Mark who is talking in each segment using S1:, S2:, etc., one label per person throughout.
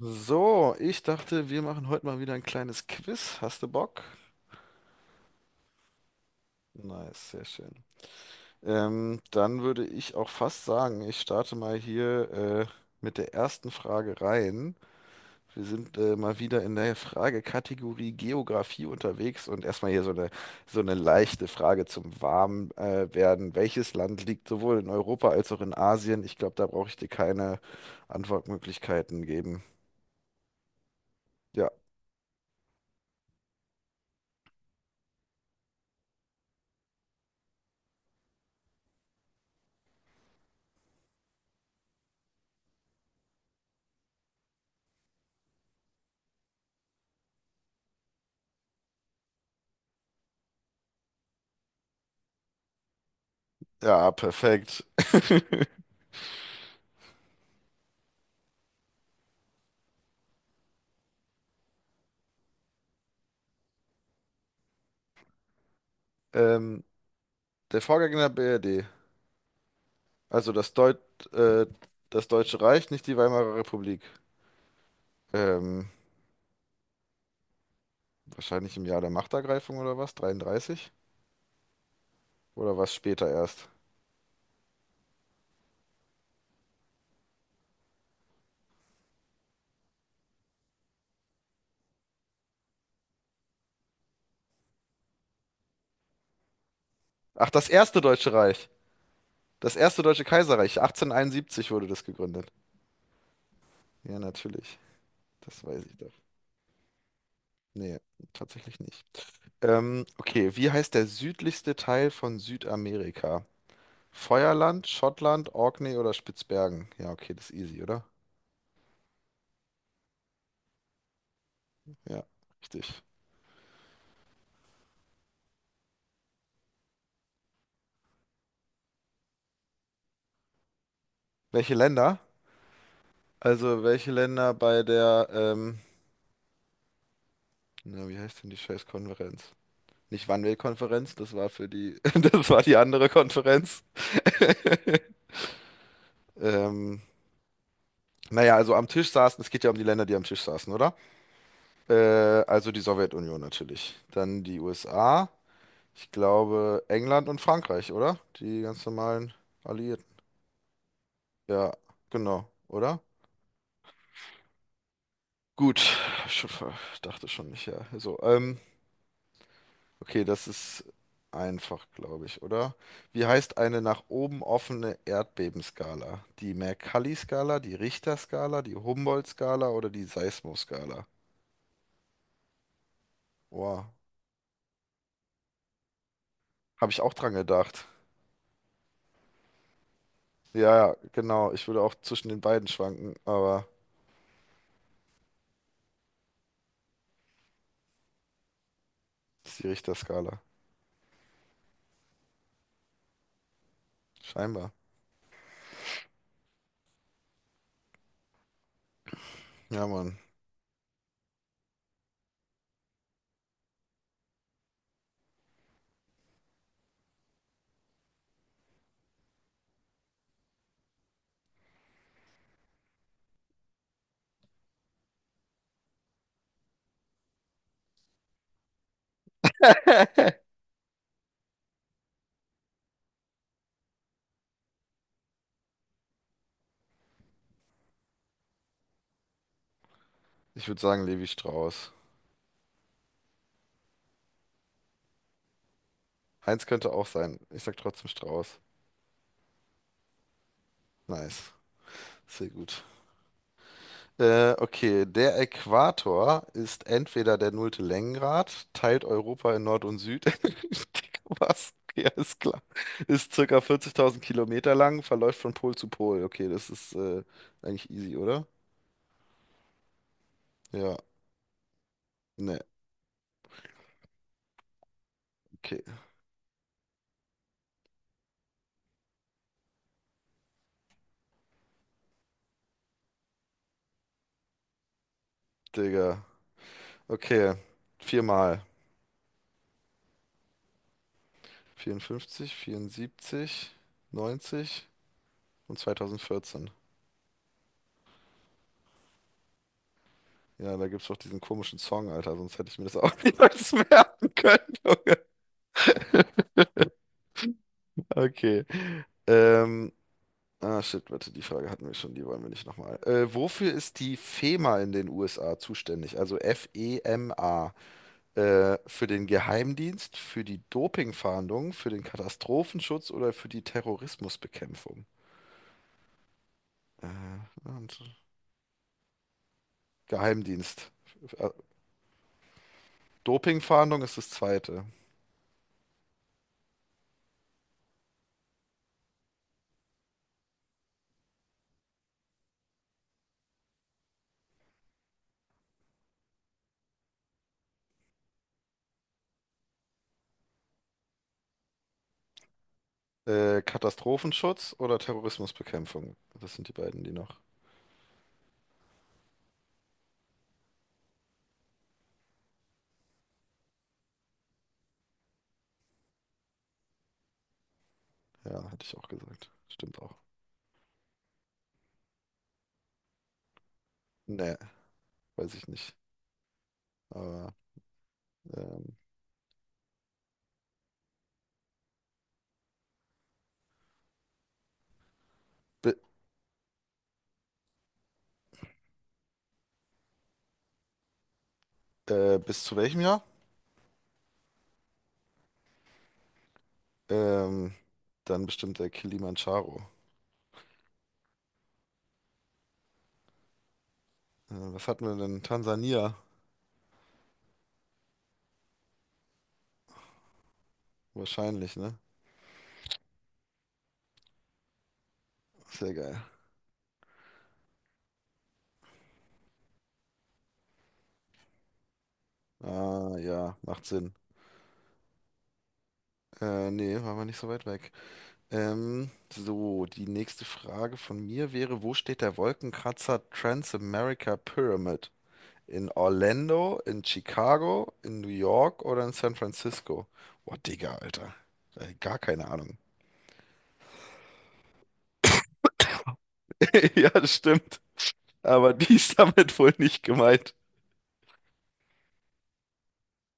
S1: So, ich dachte, wir machen heute mal wieder ein kleines Quiz. Hast du Bock? Nice, sehr schön. Dann würde ich auch fast sagen, ich starte mal hier mit der ersten Frage rein. Wir sind mal wieder in der Fragekategorie Geografie unterwegs und erstmal hier so eine leichte Frage zum Warm werden. Welches Land liegt sowohl in Europa als auch in Asien? Ich glaube, da brauche ich dir keine Antwortmöglichkeiten geben. Ja, ja, perfekt. Ähm, Der Vorgänger der BRD, also äh, das Deutsche Reich, nicht die Weimarer Republik. Ähm, Wahrscheinlich im Jahr der Machtergreifung oder was? 33? Oder was später erst? Ach, das erste Deutsche Reich. Das erste Deutsche Kaiserreich. 1871 wurde das gegründet. Ja, natürlich. Das weiß ich doch. Nee, tatsächlich nicht. Okay, wie heißt der südlichste Teil von Südamerika? Feuerland, Schottland, Orkney oder Spitzbergen? Ja, okay, das ist easy, oder? Ja, richtig. Welche Länder? Also welche Länder bei der, na, wie heißt denn die scheiß Konferenz? Nicht Wannsee-Konferenz, das war für die, das war die andere Konferenz. Ähm, naja, also am Tisch saßen, es geht ja um die Länder, die am Tisch saßen, oder? Äh, also die Sowjetunion natürlich. Dann die USA, ich glaube England und Frankreich, oder? Die ganz normalen Alliierten. Ja, genau, oder? Gut, ich dachte schon nicht, ja. So, okay, das ist einfach, glaube ich, oder? Wie heißt eine nach oben offene Erdbebenskala? Die Mercalli-Skala, die Richter-Skala, die Humboldt-Skala oder die Seismoskala? Wow, habe ich auch dran gedacht. Ja, ja, genau. Ich würde auch zwischen den beiden schwanken, aber das ist die Richter-Skala. Scheinbar. Ja, Mann. Ich würde sagen Levi Strauss. Eins könnte auch sein. Ich sag trotzdem Strauss. Nice. Sehr gut. Okay, der Äquator ist entweder der nullte Längengrad, teilt Europa in Nord und Süd. Dick, was? Ja, ist klar. Ist circa 40.000 Kilometer lang, verläuft von Pol zu Pol. Okay, das ist eigentlich easy, oder? Ja, ne, okay. Digga. Okay, viermal. 54, 74, 90 und 2014. Ja, da gibt's doch diesen komischen Song, Alter, sonst hätte ich mir das auch niemals merken können. Okay. Ähm, Ah, shit, warte, die Frage hatten wir schon, die wollen wir nicht nochmal. Wofür ist die FEMA in den USA zuständig? Also FEMA. Für den Geheimdienst, für die Dopingfahndung, für den Katastrophenschutz oder für die Terrorismusbekämpfung? Äh, und Geheimdienst. Äh, Dopingfahndung ist das zweite. Katastrophenschutz oder Terrorismusbekämpfung? Das sind die beiden, die noch. Ja, hatte ich auch gesagt. Stimmt auch. Nee, weiß ich nicht. Aber ähm, bi- bis zu welchem Jahr? Ähm, Dann bestimmt der Kilimanjaro. Was hatten wir denn? Tansania? Wahrscheinlich, ne? Sehr geil. Ah, ja, macht Sinn. Nee, waren wir nicht so weit weg. So, die nächste Frage von mir wäre, wo steht der Wolkenkratzer Transamerica Pyramid? In Orlando, in Chicago, in New York oder in San Francisco? Boah, Digga, Alter. Gar keine Ahnung. Ja, das stimmt. Aber die ist damit wohl nicht gemeint.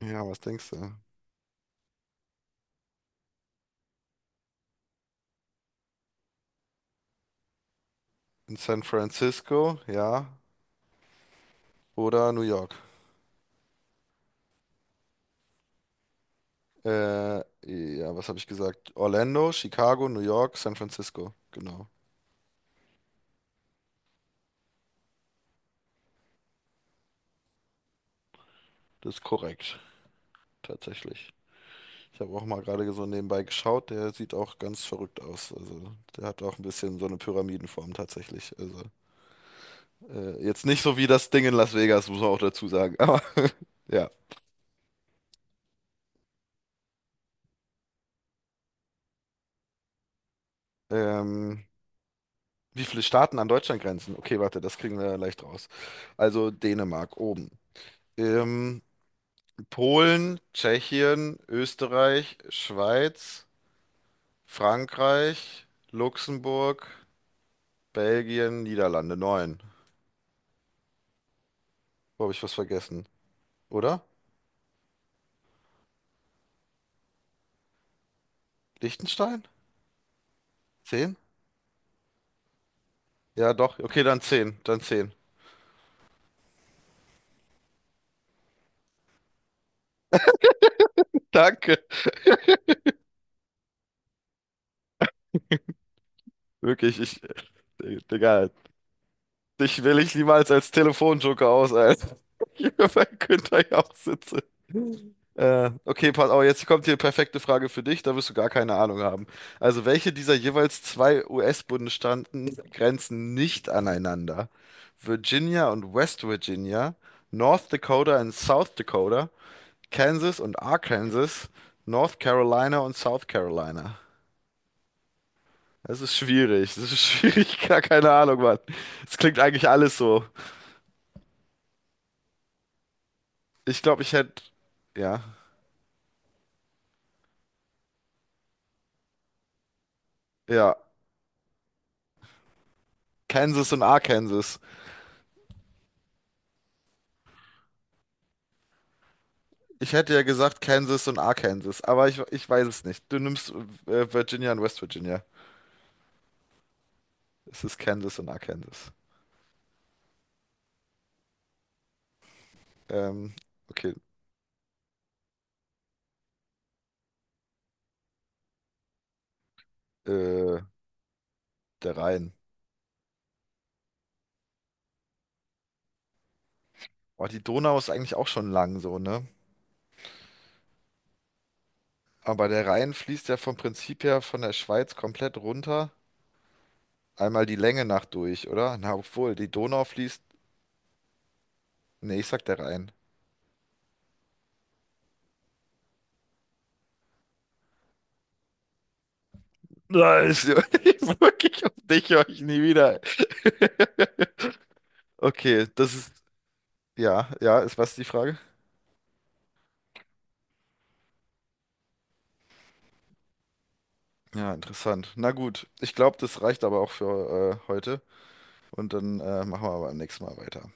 S1: Ja, was denkst du? In San Francisco, ja, oder New York? Äh, ja, was habe ich gesagt? Orlando, Chicago, New York, San Francisco. Genau, das ist korrekt, tatsächlich. Ich habe auch mal gerade so nebenbei geschaut, der sieht auch ganz verrückt aus. Also, der hat auch ein bisschen so eine Pyramidenform tatsächlich. Also, jetzt nicht so wie das Ding in Las Vegas, muss man auch dazu sagen. Aber ja. Ähm, Wie viele Staaten an Deutschland grenzen? Okay, warte, das kriegen wir leicht raus. Also Dänemark oben. Ähm, Polen, Tschechien, Österreich, Schweiz, Frankreich, Luxemburg, Belgien, Niederlande. Neun. Wo habe ich was vergessen? Oder? Liechtenstein? Zehn? Ja, doch. Okay, dann zehn. Dann zehn. Danke. Wirklich, ich. Digga, dich will ich niemals als Telefonjoker aus, Alter. Hier bei Günther auch sitze. Okay, pass auf, jetzt kommt hier perfekte Frage für dich, da wirst du gar keine Ahnung haben. Also, welche dieser jeweils zwei US-Bundesstaaten grenzen nicht aneinander? Virginia und West Virginia, North Dakota und South Dakota, Kansas und Arkansas, North Carolina und South Carolina. Das ist schwierig, gar keine Ahnung, Mann. Es klingt eigentlich alles so. Ich glaube, ich hätte, ja, ja, Kansas und Arkansas. Ich hätte ja gesagt Kansas und Arkansas, aber ich weiß es nicht. Du nimmst Virginia und West Virginia. Es ist Kansas und Arkansas. Ähm, okay, äh, der Rhein. Oh, die Donau ist eigentlich auch schon lang so, ne? Aber der Rhein fließt ja vom Prinzip her von der Schweiz komplett runter. Einmal die Länge nach durch, oder? Na, obwohl, die Donau fließt. Nee, ich sag der Rhein. Nein, ich wirklich auf dich höre ich nie wieder. Okay, das ist. Ja, ja, ist was die Frage? Ja, interessant. Na gut, ich glaube, das reicht aber auch für heute. Und dann machen wir beim nächsten Mal weiter.